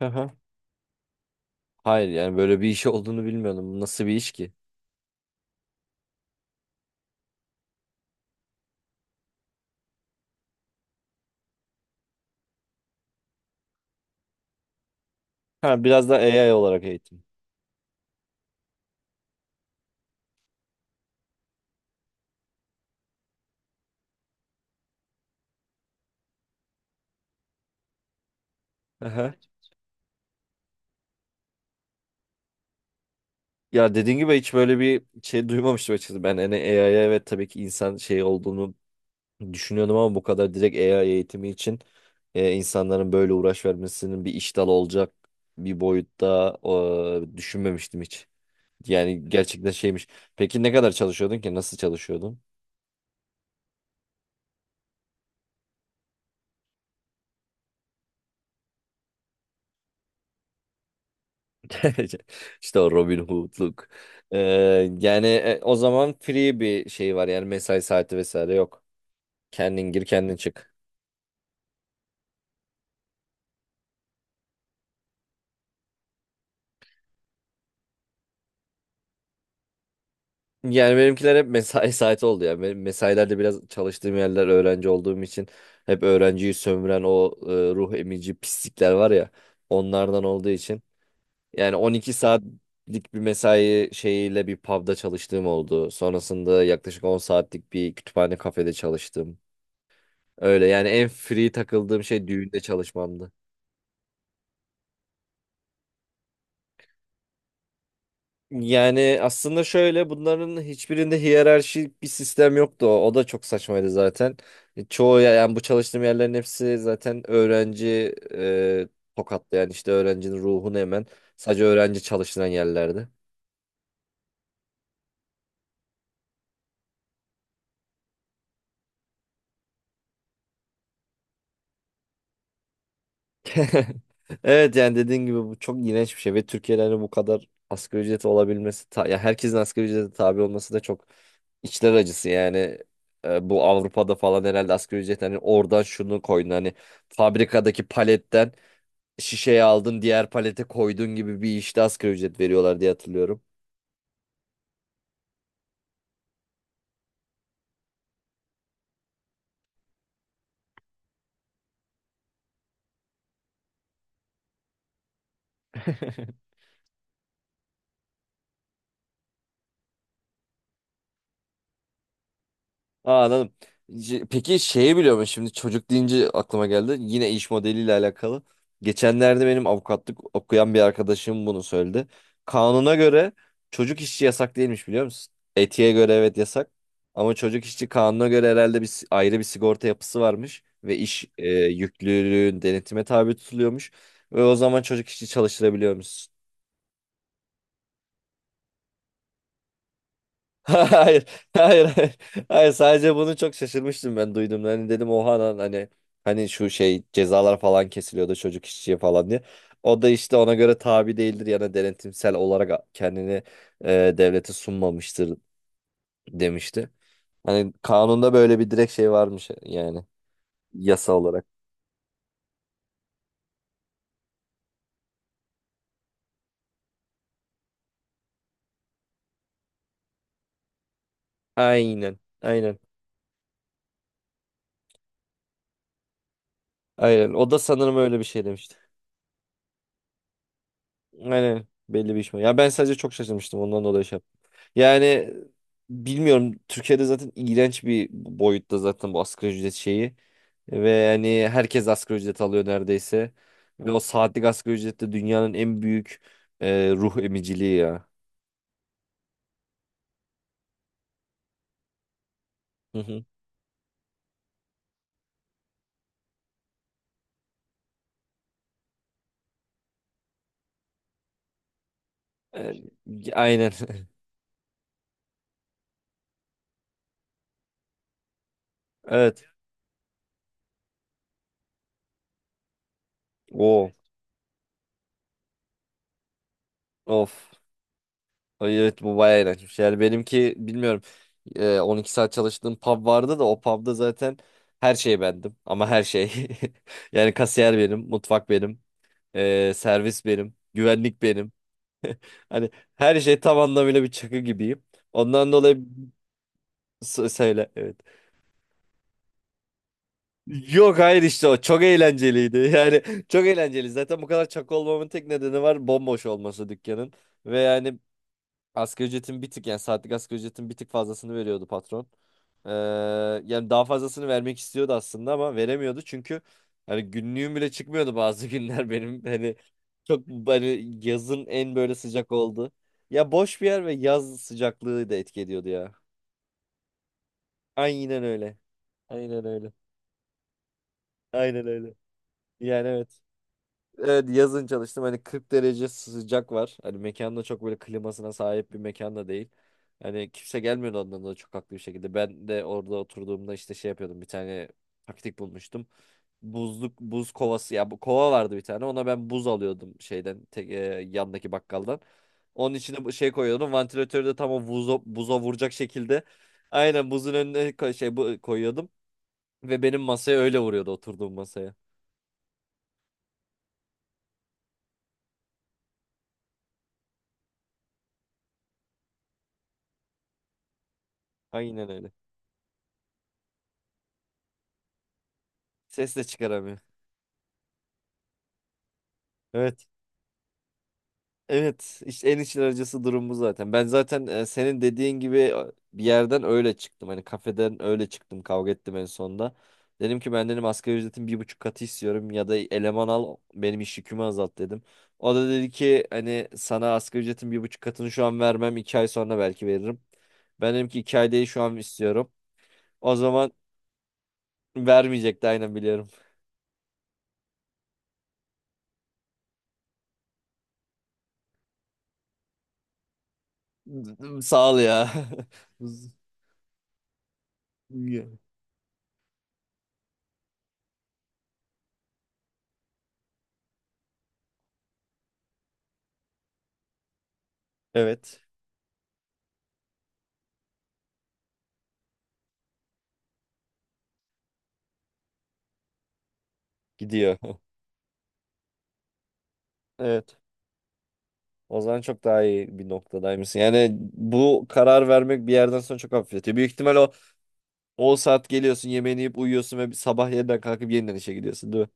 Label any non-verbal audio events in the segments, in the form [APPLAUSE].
Aha. Hayır yani böyle bir iş olduğunu bilmiyordum. Bu nasıl bir iş ki? Ha, biraz da AI olarak eğitim. Aha. Ya dediğin gibi hiç böyle bir şey duymamıştım açıkçası. Ben hani AI'ya evet tabii ki insan şey olduğunu düşünüyordum ama bu kadar direkt AI eğitimi için insanların böyle uğraş vermesinin bir iş dalı olacak bir boyutta düşünmemiştim hiç. Yani gerçekten şeymiş. Peki ne kadar çalışıyordun ki? Nasıl çalışıyordun? [LAUGHS] İşte o Robin Hood'luk. Ee, Yani o zaman free bir şey var yani mesai saati vesaire yok. Kendin gir kendin çık. Yani benimkiler hep mesai [LAUGHS] saati oldu ya. Benim mesailerde biraz çalıştığım yerler öğrenci olduğum için hep öğrenciyi sömüren o ruh emici pislikler var ya onlardan olduğu için. Yani 12 saatlik bir mesai şeyiyle bir pub'da çalıştığım oldu. Sonrasında yaklaşık 10 saatlik bir kütüphane kafede çalıştım. Öyle yani en free takıldığım şey düğünde çalışmamdı. Yani aslında şöyle bunların hiçbirinde hiyerarşik bir sistem yoktu. O da çok saçmaydı zaten. Çoğu yani bu çalıştığım yerlerin hepsi zaten öğrenci tokatlı yani işte öğrencinin ruhunu hemen sadece öğrenci çalıştıran yerlerdi. [LAUGHS] Evet yani dediğin gibi bu çok iğrenç bir şey ve Türkiye'de hani bu kadar asgari ücreti olabilmesi ya herkesin asgari ücrete tabi olması da çok İçler acısı yani. Bu Avrupa'da falan herhalde asgari ücret hani oradan şunu koydun hani fabrikadaki paletten şişeye aldın diğer palete koydun gibi bir işte asgari ücret veriyorlar diye hatırlıyorum. [LAUGHS] Aa, anladım. Peki şeyi biliyor musun? Şimdi çocuk deyince aklıma geldi. Yine iş modeliyle alakalı. Geçenlerde benim avukatlık okuyan bir arkadaşım bunu söyledi. Kanuna göre çocuk işçi yasak değilmiş biliyor musun? Etiğe göre evet yasak. Ama çocuk işçi kanuna göre herhalde bir ayrı bir sigorta yapısı varmış. Ve iş yüklülüğün denetime tabi tutuluyormuş. Ve o zaman çocuk işçi çalıştırabiliyormuş. Hayır, hayır, hayır. Hayır, sadece bunu çok şaşırmıştım ben duyduğumda. Hani dedim oha lan hani şu şey cezalar falan kesiliyordu çocuk işçiye falan diye. O da işte ona göre tabi değildir yani denetimsel olarak kendini devlete sunmamıştır demişti. Hani kanunda böyle bir direkt şey varmış yani yasa olarak. Aynen, aynen, aynen. O da sanırım öyle bir şey demişti. Aynen belli bir iş mi? Ya ben sadece çok şaşırmıştım ondan dolayı şey yaptım. Yani bilmiyorum Türkiye'de zaten iğrenç bir boyutta zaten bu asgari ücret şeyi. Ve yani herkes asgari ücret alıyor neredeyse. Ve o saatlik asgari ücret de dünyanın en büyük ruh emiciliği ya. Hı hı. E, aynen. [LAUGHS] Evet. O. Of. Ay, evet bu bayağı iğrençmiş. Yani benimki bilmiyorum. 12 saat çalıştığım pub vardı da o pubda zaten her şey bendim. Ama her şey. [LAUGHS] Yani kasiyer benim, mutfak benim. Servis benim. Güvenlik benim. [LAUGHS] Hani her şey tam anlamıyla bir çakı gibiyim. Ondan dolayı söyle evet. Yok hayır işte o çok eğlenceliydi. [LAUGHS] Yani çok eğlenceli. Zaten bu kadar çakı olmamın tek nedeni var bomboş olması dükkanın. Ve yani asgari ücretin bir tık yani saatlik asgari ücretin bir tık fazlasını veriyordu patron. Ee, Yani daha fazlasını vermek istiyordu aslında ama veremiyordu çünkü hani günlüğüm bile çıkmıyordu bazı günler [LAUGHS] benim hani çok hani yazın en böyle sıcak oldu. Ya boş bir yer ve yaz sıcaklığı da etki ediyordu ya. Aynen öyle. Aynen öyle. Aynen öyle. Yani evet. Evet yazın çalıştım. Hani 40 derece sıcak var. Hani mekanda çok böyle klimasına sahip bir mekan da değil. Hani kimse gelmiyordu ondan da çok haklı bir şekilde. Ben de orada oturduğumda işte şey yapıyordum. Bir tane taktik bulmuştum. Buzluk buz kovası ya bu kova vardı bir tane. Ona ben buz alıyordum şeyden tek, yandaki bakkaldan. Onun içine bu şey koyuyordum. Vantilatörü de tam o buza vuracak şekilde. Aynen buzun önüne şey bu koyuyordum ve benim masaya öyle vuruyordu oturduğum masaya. Aynen öyle. Ses de çıkaramıyor. Evet. Evet, işte en içler acısı durum bu zaten. Ben zaten senin dediğin gibi bir yerden öyle çıktım. Hani kafeden öyle çıktım. Kavga ettim en sonunda. Dedim ki ben dedim asgari ücretin bir buçuk katı istiyorum ya da eleman al benim iş yükümü azalt dedim. O da dedi ki hani sana asgari ücretin bir buçuk katını şu an vermem 2 ay sonra belki veririm. Ben dedim ki 2 ay değil şu an istiyorum. O zaman vermeyecekti aynen biliyorum. [LAUGHS] Sağ ol ya. [LAUGHS] Evet gidiyor. [LAUGHS] Evet. O zaman çok daha iyi bir noktadaymışsın. Yani bu karar vermek bir yerden sonra çok hafifletiyor. Büyük ihtimal o saat geliyorsun, yemeğini yiyip uyuyorsun ve bir sabah yeniden kalkıp yeniden işe gidiyorsun, değil mi?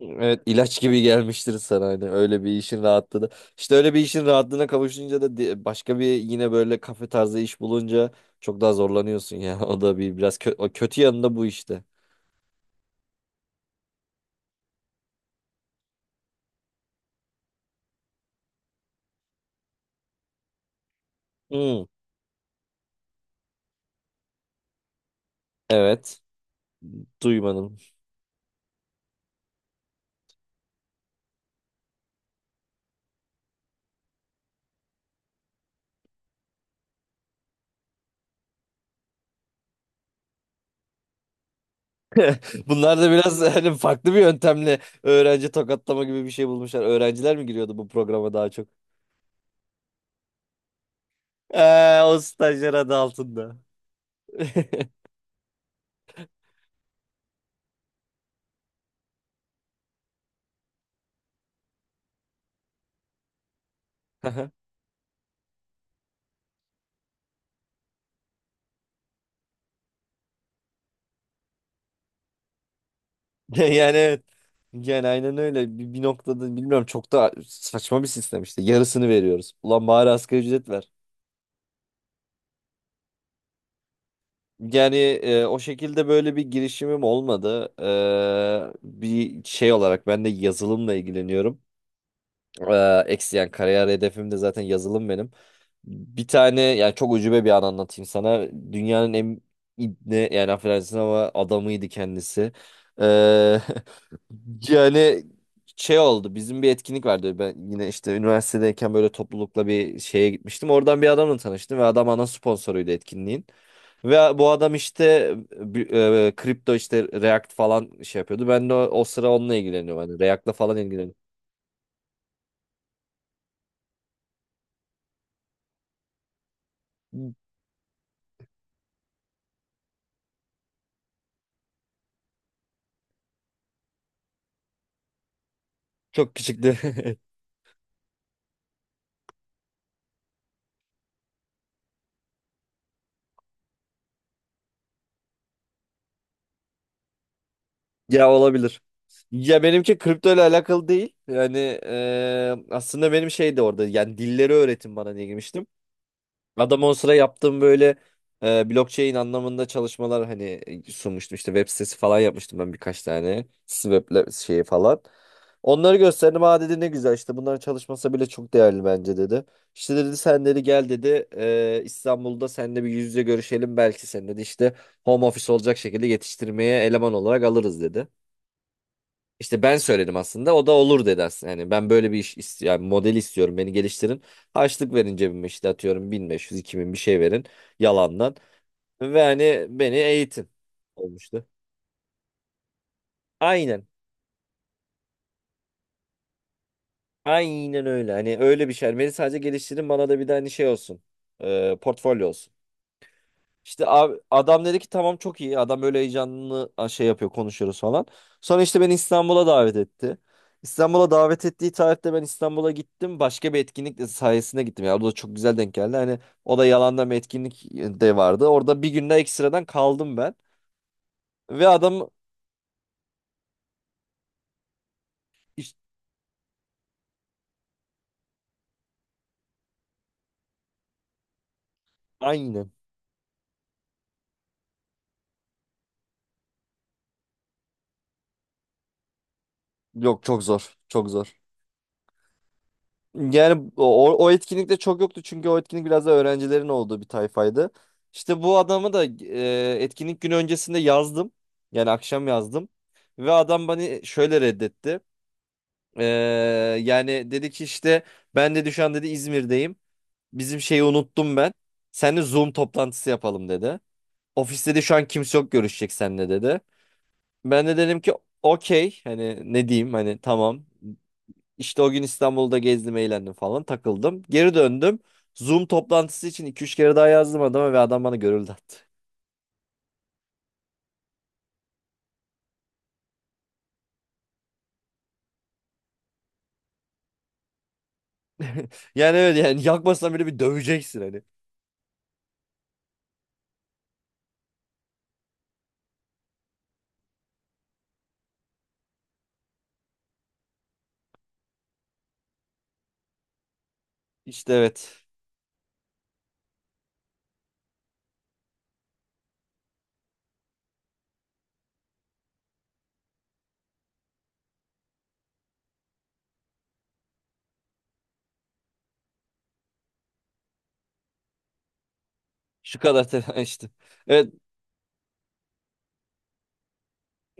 Evet, ilaç gibi gelmiştir sana hani öyle bir işin rahatlığı da. İşte öyle bir işin rahatlığına kavuşunca da başka bir yine böyle kafe tarzı iş bulunca çok daha zorlanıyorsun ya. [LAUGHS] O da bir biraz o kötü yanında bu işte. Hmm, evet, duymadım. [LAUGHS] Bunlar da biraz hani farklı bir yöntemle öğrenci tokatlama gibi bir şey bulmuşlar. Öğrenciler mi giriyordu bu programa daha çok? O stajyer adı altında. [LAUGHS] Aha. Yani evet. Yani aynen öyle. Bir noktada bilmiyorum çok da saçma bir sistem işte. Yarısını veriyoruz. Ulan bari asgari ücret ver. Yani o şekilde böyle bir girişimim olmadı. Bir şey olarak ben de yazılımla ilgileniyorum. Eksi yani kariyer hedefim de zaten yazılım benim. Bir tane yani çok ucube bir an anlatayım sana. Dünyanın en ibne yani affedersin ama adamıydı kendisi. Ee, [LAUGHS] yani şey oldu bizim bir etkinlik vardı. Ben yine işte üniversitedeyken böyle toplulukla bir şeye gitmiştim. Oradan bir adamla tanıştım ve adam ana sponsoruydu etkinliğin. Ve bu adam işte kripto işte React falan şey yapıyordu. Ben de o sıra onunla ilgileniyorum. Hani React'la falan ilgileniyorum. Çok küçüktü. [LAUGHS] Ya olabilir. Ya benimki kripto ile alakalı değil. Yani aslında benim şey de orada. Yani dilleri öğretin bana diye girmiştim. Adam on sıra yaptığım böyle blockchain anlamında çalışmalar hani sunmuştum. İşte web sitesi falan yapmıştım ben birkaç tane. Web şeyi falan. Onları gösterdim. Aa dedi ne güzel işte bunların çalışması bile çok değerli bence dedi. İşte dedi sen dedi gel dedi İstanbul'da seninle bir yüz yüze görüşelim. Belki sen dedi işte home office olacak şekilde yetiştirmeye eleman olarak alırız dedi. İşte ben söyledim aslında. O da olur dedi aslında. Yani ben böyle bir iş yani model istiyorum. Beni geliştirin. Harçlık verin cebime işte atıyorum bin beş, yüz iki bin bir şey verin yalandan. Ve hani beni eğitin olmuştu. Aynen. Aynen öyle. Hani öyle bir şey. Hani beni sadece geliştirin bana da bir de hani şey olsun. Portfolyo olsun. İşte abi, adam dedi ki tamam çok iyi. Adam böyle heyecanlı şey yapıyor konuşuyoruz falan. Sonra işte beni İstanbul'a davet etti. İstanbul'a davet ettiği tarihte ben İstanbul'a gittim. Başka bir etkinlik sayesinde gittim. Ya o da çok güzel denk geldi. Hani o da yalandan bir etkinlik de vardı. Orada bir günde ekstradan kaldım ben. Ve adam iş- aynen. Yok çok zor. Çok zor. Yani o etkinlikte çok yoktu çünkü o etkinlik biraz da öğrencilerin olduğu bir tayfaydı. İşte bu adamı da etkinlik günü öncesinde yazdım. Yani akşam yazdım. Ve adam beni şöyle reddetti. E, Yani dedi ki işte ben dedi şu an dedi İzmir'deyim. Bizim şeyi unuttum ben. Seninle Zoom toplantısı yapalım dedi. Ofiste de şu an kimse yok görüşecek seninle dedi. Ben de dedim ki okey hani ne diyeyim hani tamam işte o gün İstanbul'da gezdim, eğlendim falan, takıldım. Geri döndüm. Zoom toplantısı için iki üç kere daha yazdım adama ve adam bana görüldü attı. [LAUGHS] Yani öyle yani yakmasan bile bir döveceksin hani. İşte evet. Şu kadar tela [LAUGHS] işte. Evet,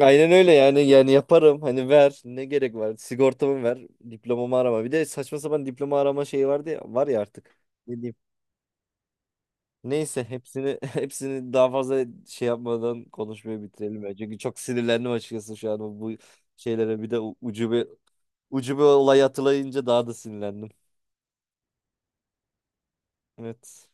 aynen öyle yani yaparım. Hani ver ne gerek var? Sigortamı ver, diplomamı arama. Bir de saçma sapan diploma arama şeyi vardı ya, var ya artık. Ne diyeyim? Neyse hepsini [LAUGHS] hepsini daha fazla şey yapmadan konuşmayı bitirelim ya. Çünkü çok sinirlendim açıkçası şu an bu şeylere bir de ucube ucube olay hatırlayınca daha da sinirlendim. Evet.